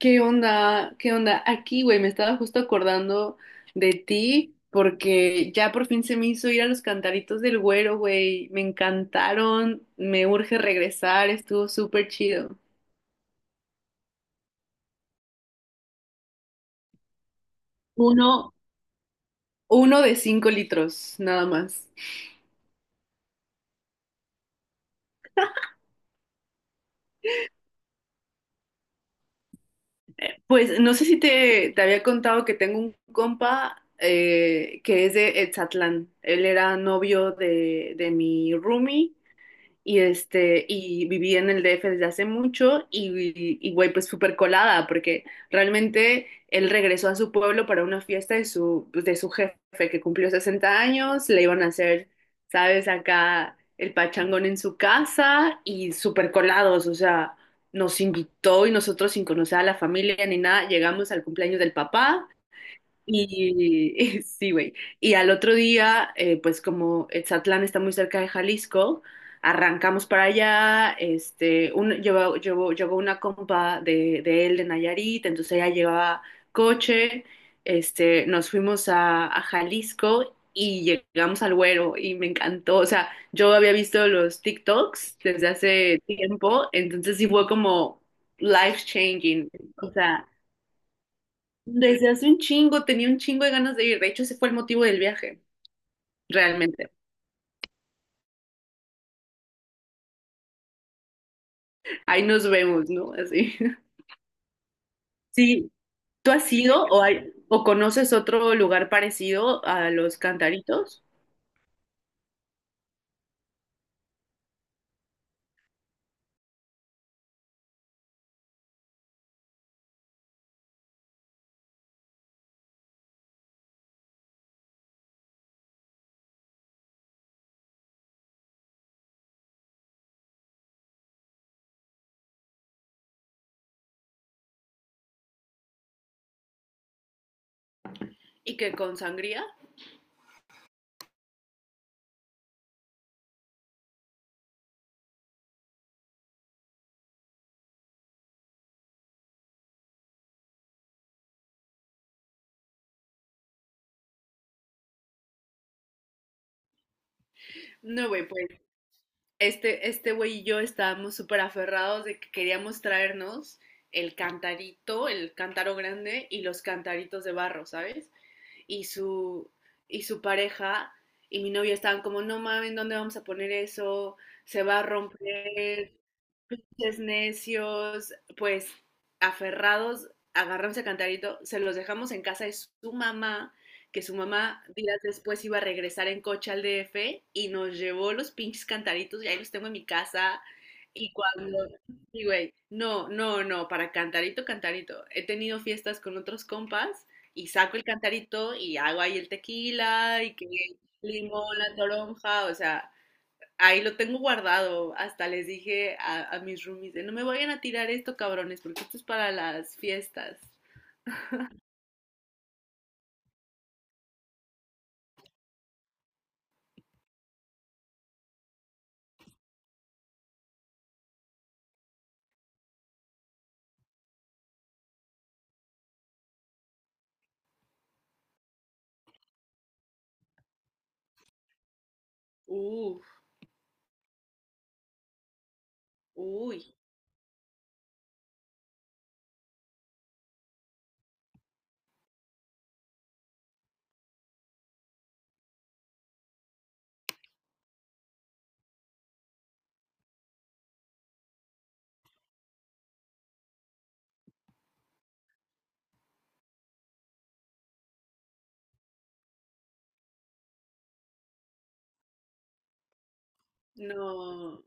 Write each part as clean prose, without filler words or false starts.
¿Qué onda? ¿Qué onda? Aquí, güey, me estaba justo acordando de ti porque ya por fin se me hizo ir a los cantaritos del Güero, güey. Me encantaron, me urge regresar, estuvo súper chido. Uno, uno de 5 litros, nada más. Pues no sé si te había contado que tengo un compa que es de Etzatlán. Él era novio de mi roomie. Y viví en el DF desde hace mucho y güey, pues súper colada, porque realmente él regresó a su pueblo para una fiesta de su jefe, que cumplió 60 años. Le iban a hacer, sabes, acá el pachangón en su casa y súper colados, o sea, nos invitó y nosotros sin conocer a la familia ni nada, llegamos al cumpleaños del papá y sí, güey. Y al otro día, pues como Etzatlán está muy cerca de Jalisco, arrancamos para allá. Llegó una compa de él, de Nayarit, entonces ella llevaba coche. Nos fuimos a Jalisco y llegamos al Güero y me encantó. O sea, yo había visto los TikToks desde hace tiempo, entonces sí fue como life changing. O sea. Desde hace un chingo, tenía un chingo de ganas de ir. De hecho, ese fue el motivo del viaje, realmente. Ahí nos vemos, ¿no? Así. Sí, ¿tú has ido o conoces otro lugar parecido a los cantaritos? ¿Y que con sangría? No, güey, pues este güey y yo estábamos súper aferrados de que queríamos traernos el cantarito, el cántaro grande y los cantaritos de barro, ¿sabes? y su, y su pareja y mi novia estaban como, no mames, ¿dónde vamos a poner eso? Se va a romper. Pinches necios, pues aferrados, agarramos el cantarito, se los dejamos en casa de su mamá, que su mamá días después iba a regresar en coche al DF y nos llevó los pinches cantaritos y ahí los tengo en mi casa. Y cuando, y güey, no, no, no, para cantarito, cantarito. He tenido fiestas con otros compas y saco el cantarito y hago ahí el tequila y que limón, la toronja, o sea, ahí lo tengo guardado. Hasta les dije a mis roomies, no me vayan a tirar esto, cabrones, porque esto es para las fiestas. Uf, uy, no.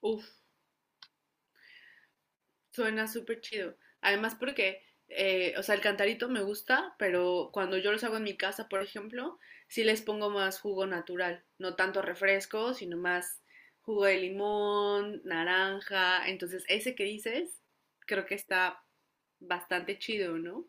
Uf, suena súper chido. Además porque, o sea, el cantarito me gusta, pero cuando yo los hago en mi casa, por ejemplo, sí les pongo más jugo natural. No tanto refresco, sino más jugo de limón, naranja. Entonces, ese que dices, creo que está bastante chido, ¿no?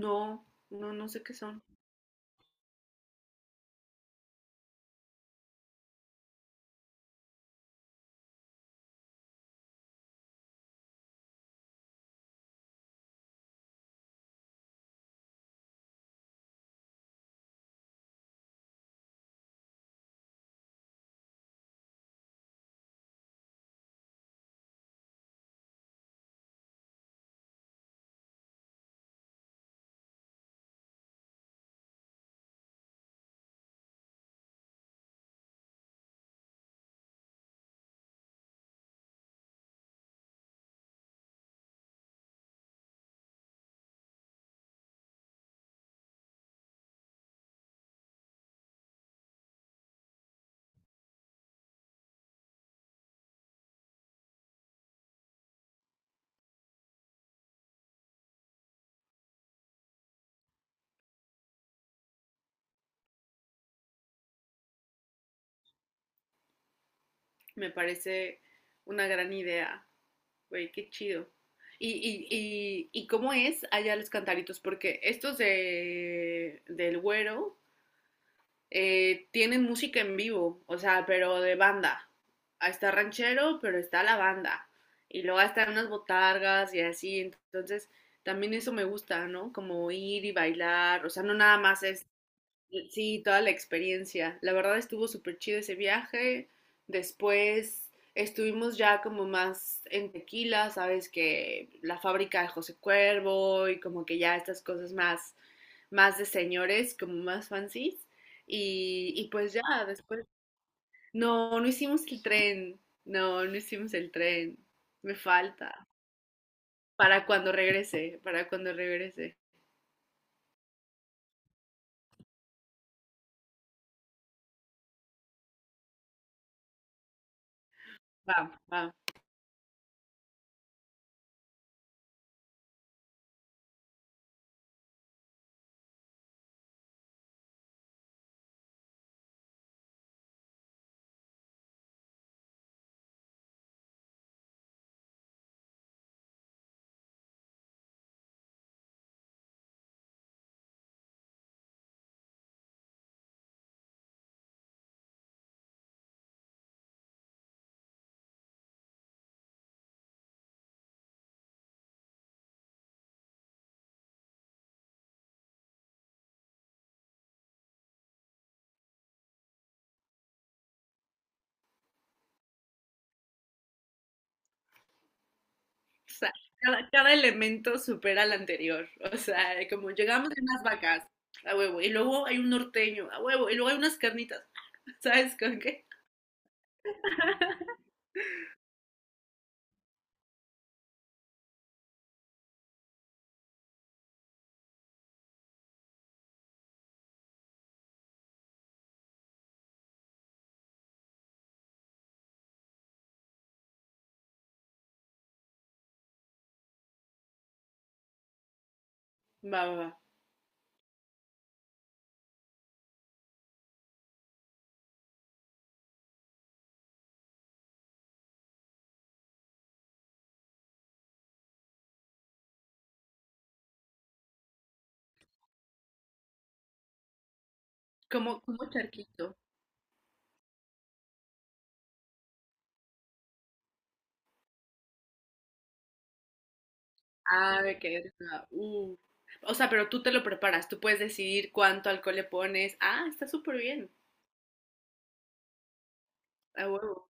No, no, no sé qué son. Me parece una gran idea, güey, qué chido. ¿Y cómo es allá los cantaritos? Porque estos del Güero, tienen música en vivo, o sea, pero de banda. Ah, está ranchero, pero está la banda. Y luego están unas botargas y así. Entonces, también eso me gusta, ¿no? Como ir y bailar. O sea, no nada más es, sí, toda la experiencia. La verdad estuvo súper chido ese viaje. Después estuvimos ya como más en Tequila, sabes, que la fábrica de José Cuervo y como que ya estas cosas más, más de señores, como más fancies. Y pues ya después, no, no hicimos el tren, no, no hicimos el tren. Me falta. Para cuando regrese, para cuando regrese. Vamos, vamos. Sea, cada elemento supera al anterior. O sea, como llegamos de unas vacas, a huevo, y luego hay un norteño, a huevo, y luego hay unas carnitas, ¿sabes con qué? Va, va, va. Como charquito. Ah, me quedé desnuda. O sea, pero tú te lo preparas, tú puedes decidir cuánto alcohol le pones. Ah, está súper bien. A huevo.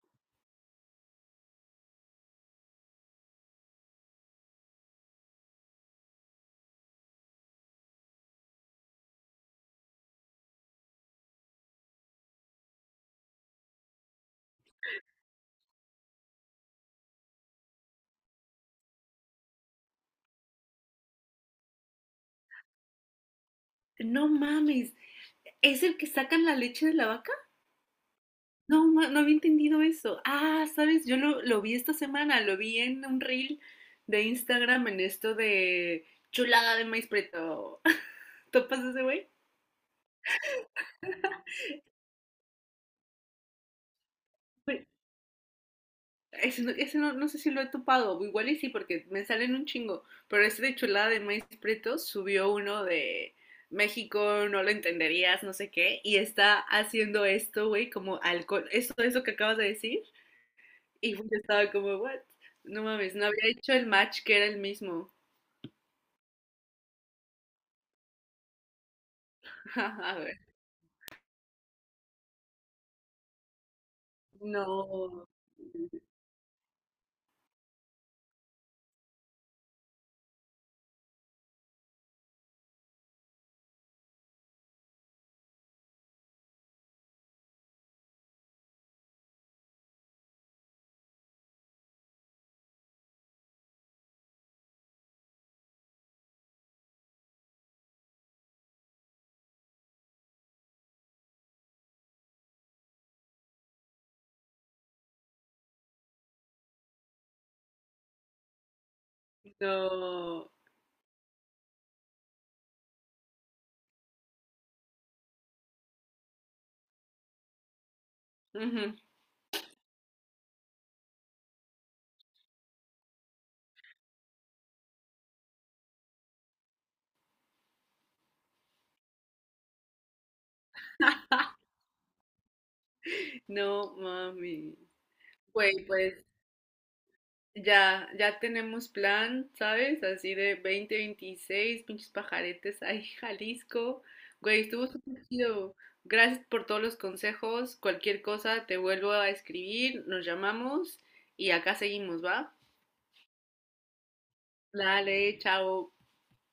No mames, es el que sacan la leche de la vaca. No había entendido eso. Ah, sabes, yo lo vi esta semana, lo vi en un reel de Instagram en esto de chulada de maíz preto. ¿Topas ese güey? Pues, ese, no, ese no, no sé si lo he topado, igual y sí, porque me salen un chingo. Pero ese de chulada de maíz preto subió uno de México, no lo entenderías, no sé qué, y está haciendo esto, güey, como alcohol, eso que acabas de decir. Y yo estaba como, what? No mames, no había hecho el match que era el mismo. No, no, ujú. No, mami. Güey, pues ya tenemos plan, ¿sabes? Así de veinte veintiséis pinches pajaretes ahí, Jalisco. Güey, estuvo súper chido. Gracias por todos los consejos. Cualquier cosa, te vuelvo a escribir, nos llamamos y acá seguimos, ¿va? Dale, chao.